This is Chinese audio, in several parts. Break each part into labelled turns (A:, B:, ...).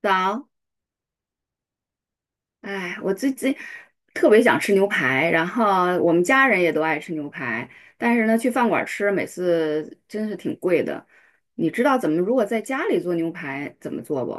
A: 早，哎，我最近特别想吃牛排，然后我们家人也都爱吃牛排，但是呢，去饭馆吃每次真是挺贵的。你知道怎么如果在家里做牛排怎么做不？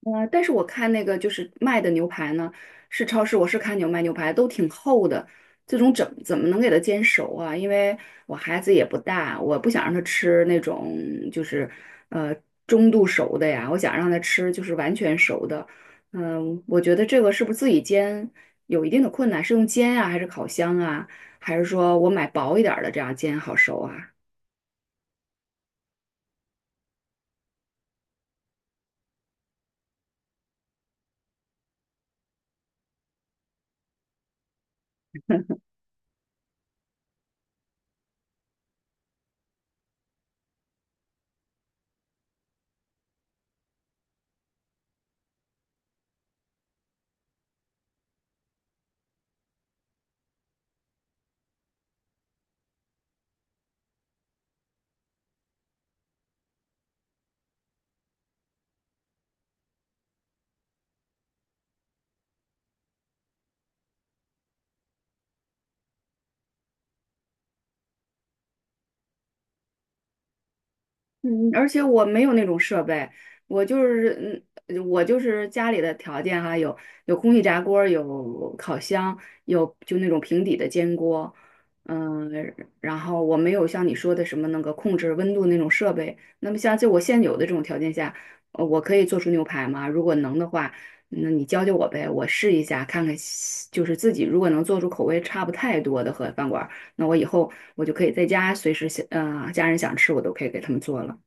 A: 但是我看那个就是卖的牛排呢，是超市，我是看卖牛排都挺厚的，这种怎么能给它煎熟啊？因为我孩子也不大，我不想让他吃那种就是呃中度熟的呀，我想让他吃就是完全熟的。我觉得这个是不是自己煎有一定的困难？是用煎啊，还是烤箱啊，还是说我买薄一点儿的这样煎好熟啊？嗯而且我没有那种设备，我就是我就是家里的条件哈，有空气炸锅儿有烤箱，有就那种平底的煎锅，嗯，然后我没有像你说的什么那个控制温度那种设备。那么像就我现有的这种条件下，我可以做出牛排吗？如果能的话，那你教教我呗，我试一下看看，就是自己如果能做出口味差不太多的和饭馆儿，那我以后就可以在家随时想，家人想吃我都可以给他们做了。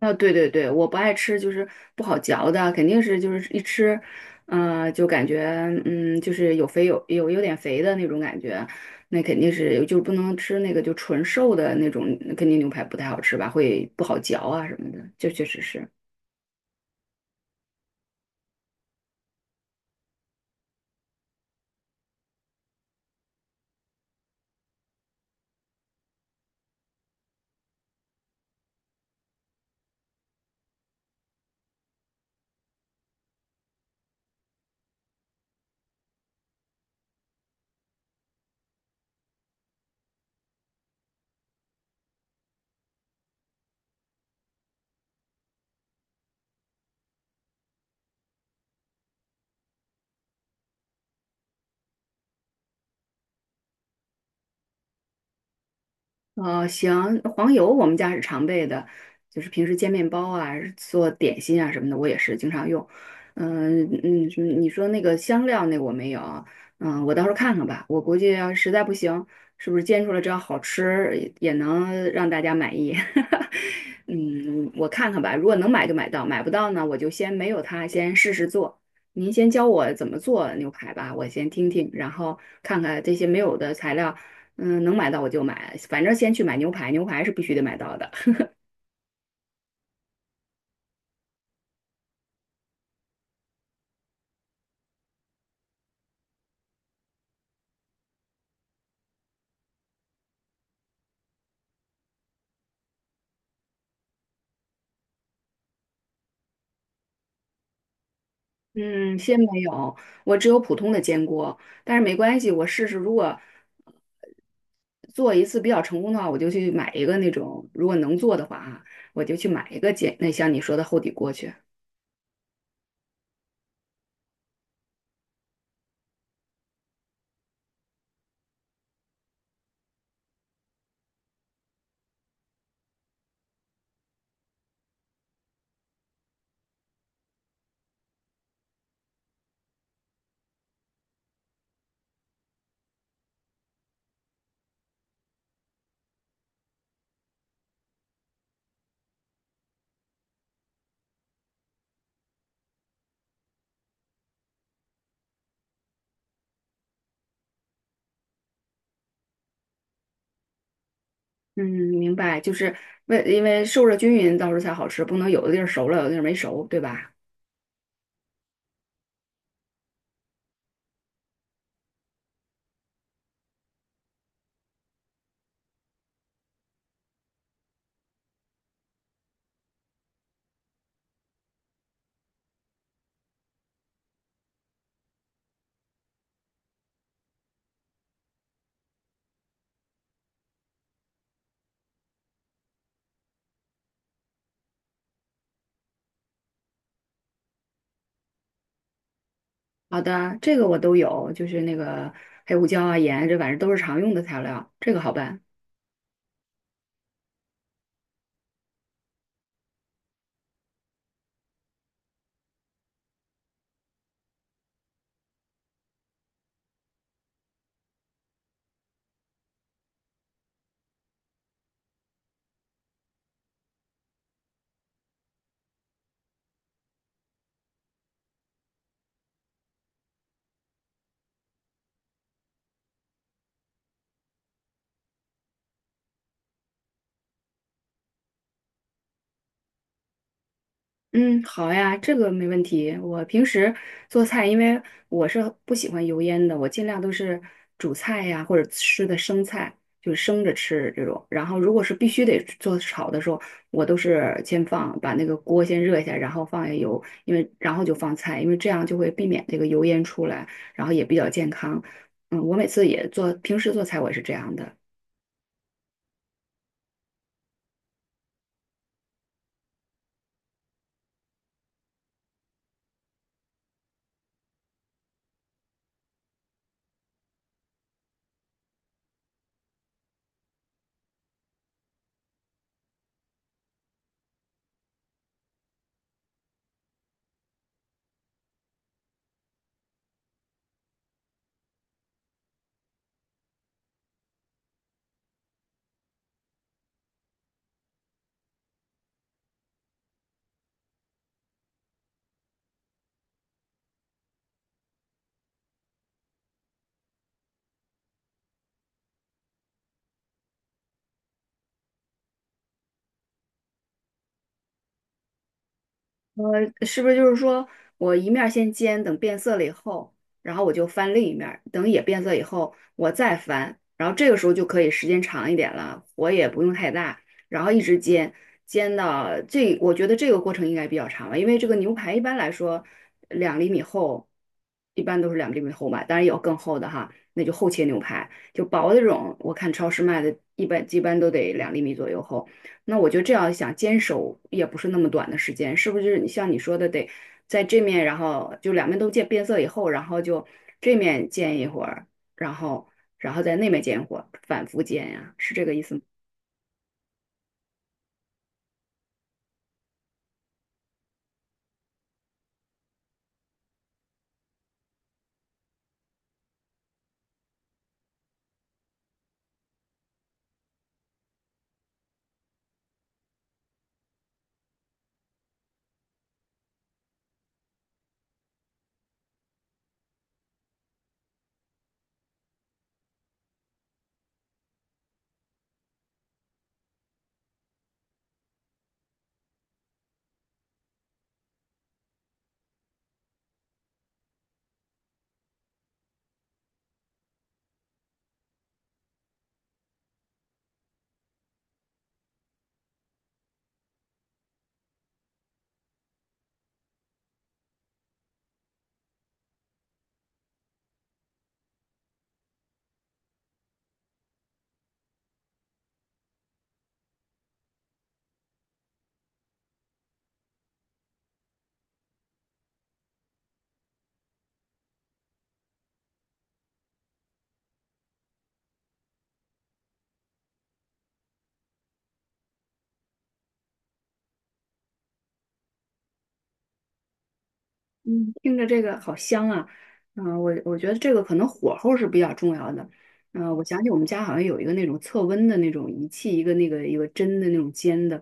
A: 啊，对对对，我不爱吃，就是不好嚼的，肯定是就是一吃，就感觉就是有点肥的那种感觉，那肯定是就不能吃那个就纯瘦的那种，肯定牛排不太好吃吧，会不好嚼啊什么的，这确实是。哦，行，黄油我们家是常备的，就是平时煎面包啊、做点心啊什么的，我也是经常用。你说那个香料那个我没有啊，我到时候看看吧。我估计要实在不行，是不是煎出来只要好吃，也能让大家满意。嗯，我看看吧，如果能买就买到，买不到呢，我就先没有它，先试试做。您先教我怎么做牛排吧，我先听听，然后看看这些没有的材料，能买到我就买，反正先去买牛排，牛排是必须得买到的。嗯，先没有，我只有普通的煎锅，但是没关系，我试试，如果做一次比较成功的话，我就去买一个那种，如果能做的话啊，我就去买一个煎，那像你说的厚底锅去。嗯，明白，就是因为受热均匀，到时候才好吃，不能有的地儿熟了，有的地儿没熟，对吧？好的，这个我都有，就是那个黑胡椒啊、盐啊，这反正都是常用的材料，这个好办。嗯，好呀，这个没问题。我平时做菜，因为我是不喜欢油烟的，我尽量都是煮菜呀，或者吃的生菜，就是生着吃这种。然后如果是必须得做炒的时候，我都是先放，把那个锅先热一下，然后放下油，因为然后就放菜，因为这样就会避免这个油烟出来，然后也比较健康。我每次也做，平时做菜我也是这样的。呃，是不是就是说我一面儿先煎，等变色了以后，然后我就翻另一面儿，等也变色以后，我再翻，然后这个时候就可以时间长一点了，火也不用太大，然后一直煎，煎到这，我觉得这个过程应该比较长吧，因为这个牛排一般来说两厘米厚，一般都是两厘米厚吧，当然有更厚的哈，那就厚切牛排，就薄的这种，我看超市卖的，一般都得两厘米左右厚。那我就这样想，坚守也不是那么短的时间，是不是？像你说的，得在这面，然后就两面都见变色以后，然后就这面见一会儿，然后然后在那面见一会儿，反复见呀，是这个意思吗？嗯，听着这个好香啊！我觉得这个可能火候是比较重要的。我想起我们家好像有一个那种测温的那种仪器，一个针的那种尖的。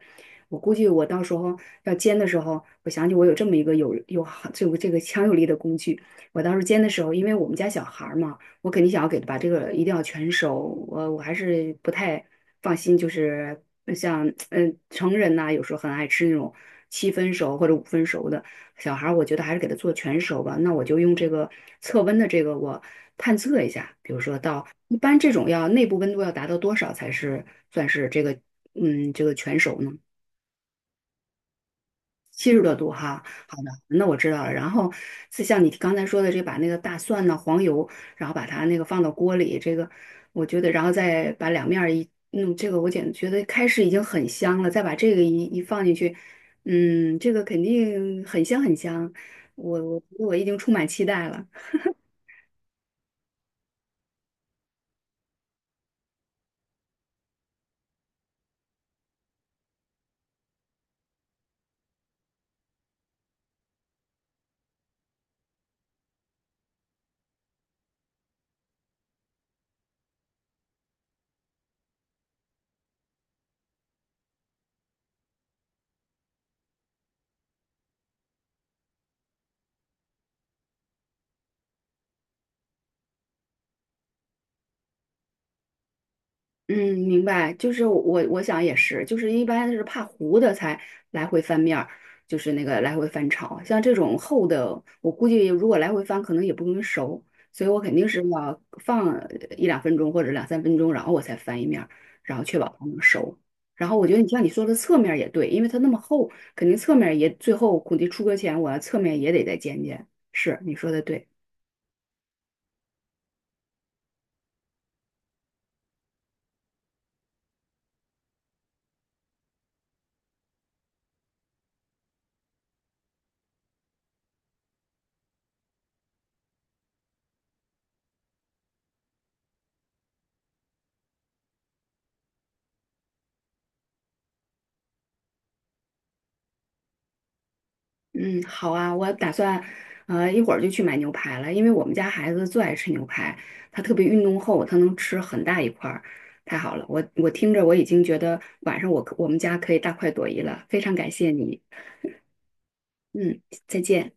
A: 我估计我到时候要煎的时候，我想起我有这么一个好这个强有力的工具。我到时候煎的时候，因为我们家小孩儿嘛，我肯定想要给他把这个一定要全熟。我还是不太放心，就是像成人呐、有时候很爱吃那种七分熟或者五分熟的。小孩儿，我觉得还是给他做全熟吧。那我就用这个测温的这个，我探测一下，比如说到一般这种要内部温度要达到多少才是算是这个全熟呢？70多度哈，好的，那我知道了。然后，是像你刚才说的，这把那个大蒜呢、黄油，然后把它那个放到锅里，这个我觉得，然后再把两面儿一弄，这个我觉得开始已经很香了，再把这个一一放进去，这个肯定很香很香，我已经充满期待了。嗯，明白，就是我想也是，就是一般是怕糊的才来回翻面儿，就是那个来回翻炒，像这种厚的，我估计如果来回翻，可能也不容易熟，所以我肯定是要放一两分钟或者两三分钟，然后我才翻一面儿，然后确保它能熟。然后我觉得你像你说的侧面儿也对，因为它那么厚，肯定侧面儿也最后估计出锅前我要侧面也得再煎煎。是，你说的对。嗯，好啊，我打算，一会儿就去买牛排了，因为我们家孩子最爱吃牛排，他特别运动后，他能吃很大一块儿，太好了，听着我已经觉得晚上我们家可以大快朵颐了，非常感谢你，嗯，再见。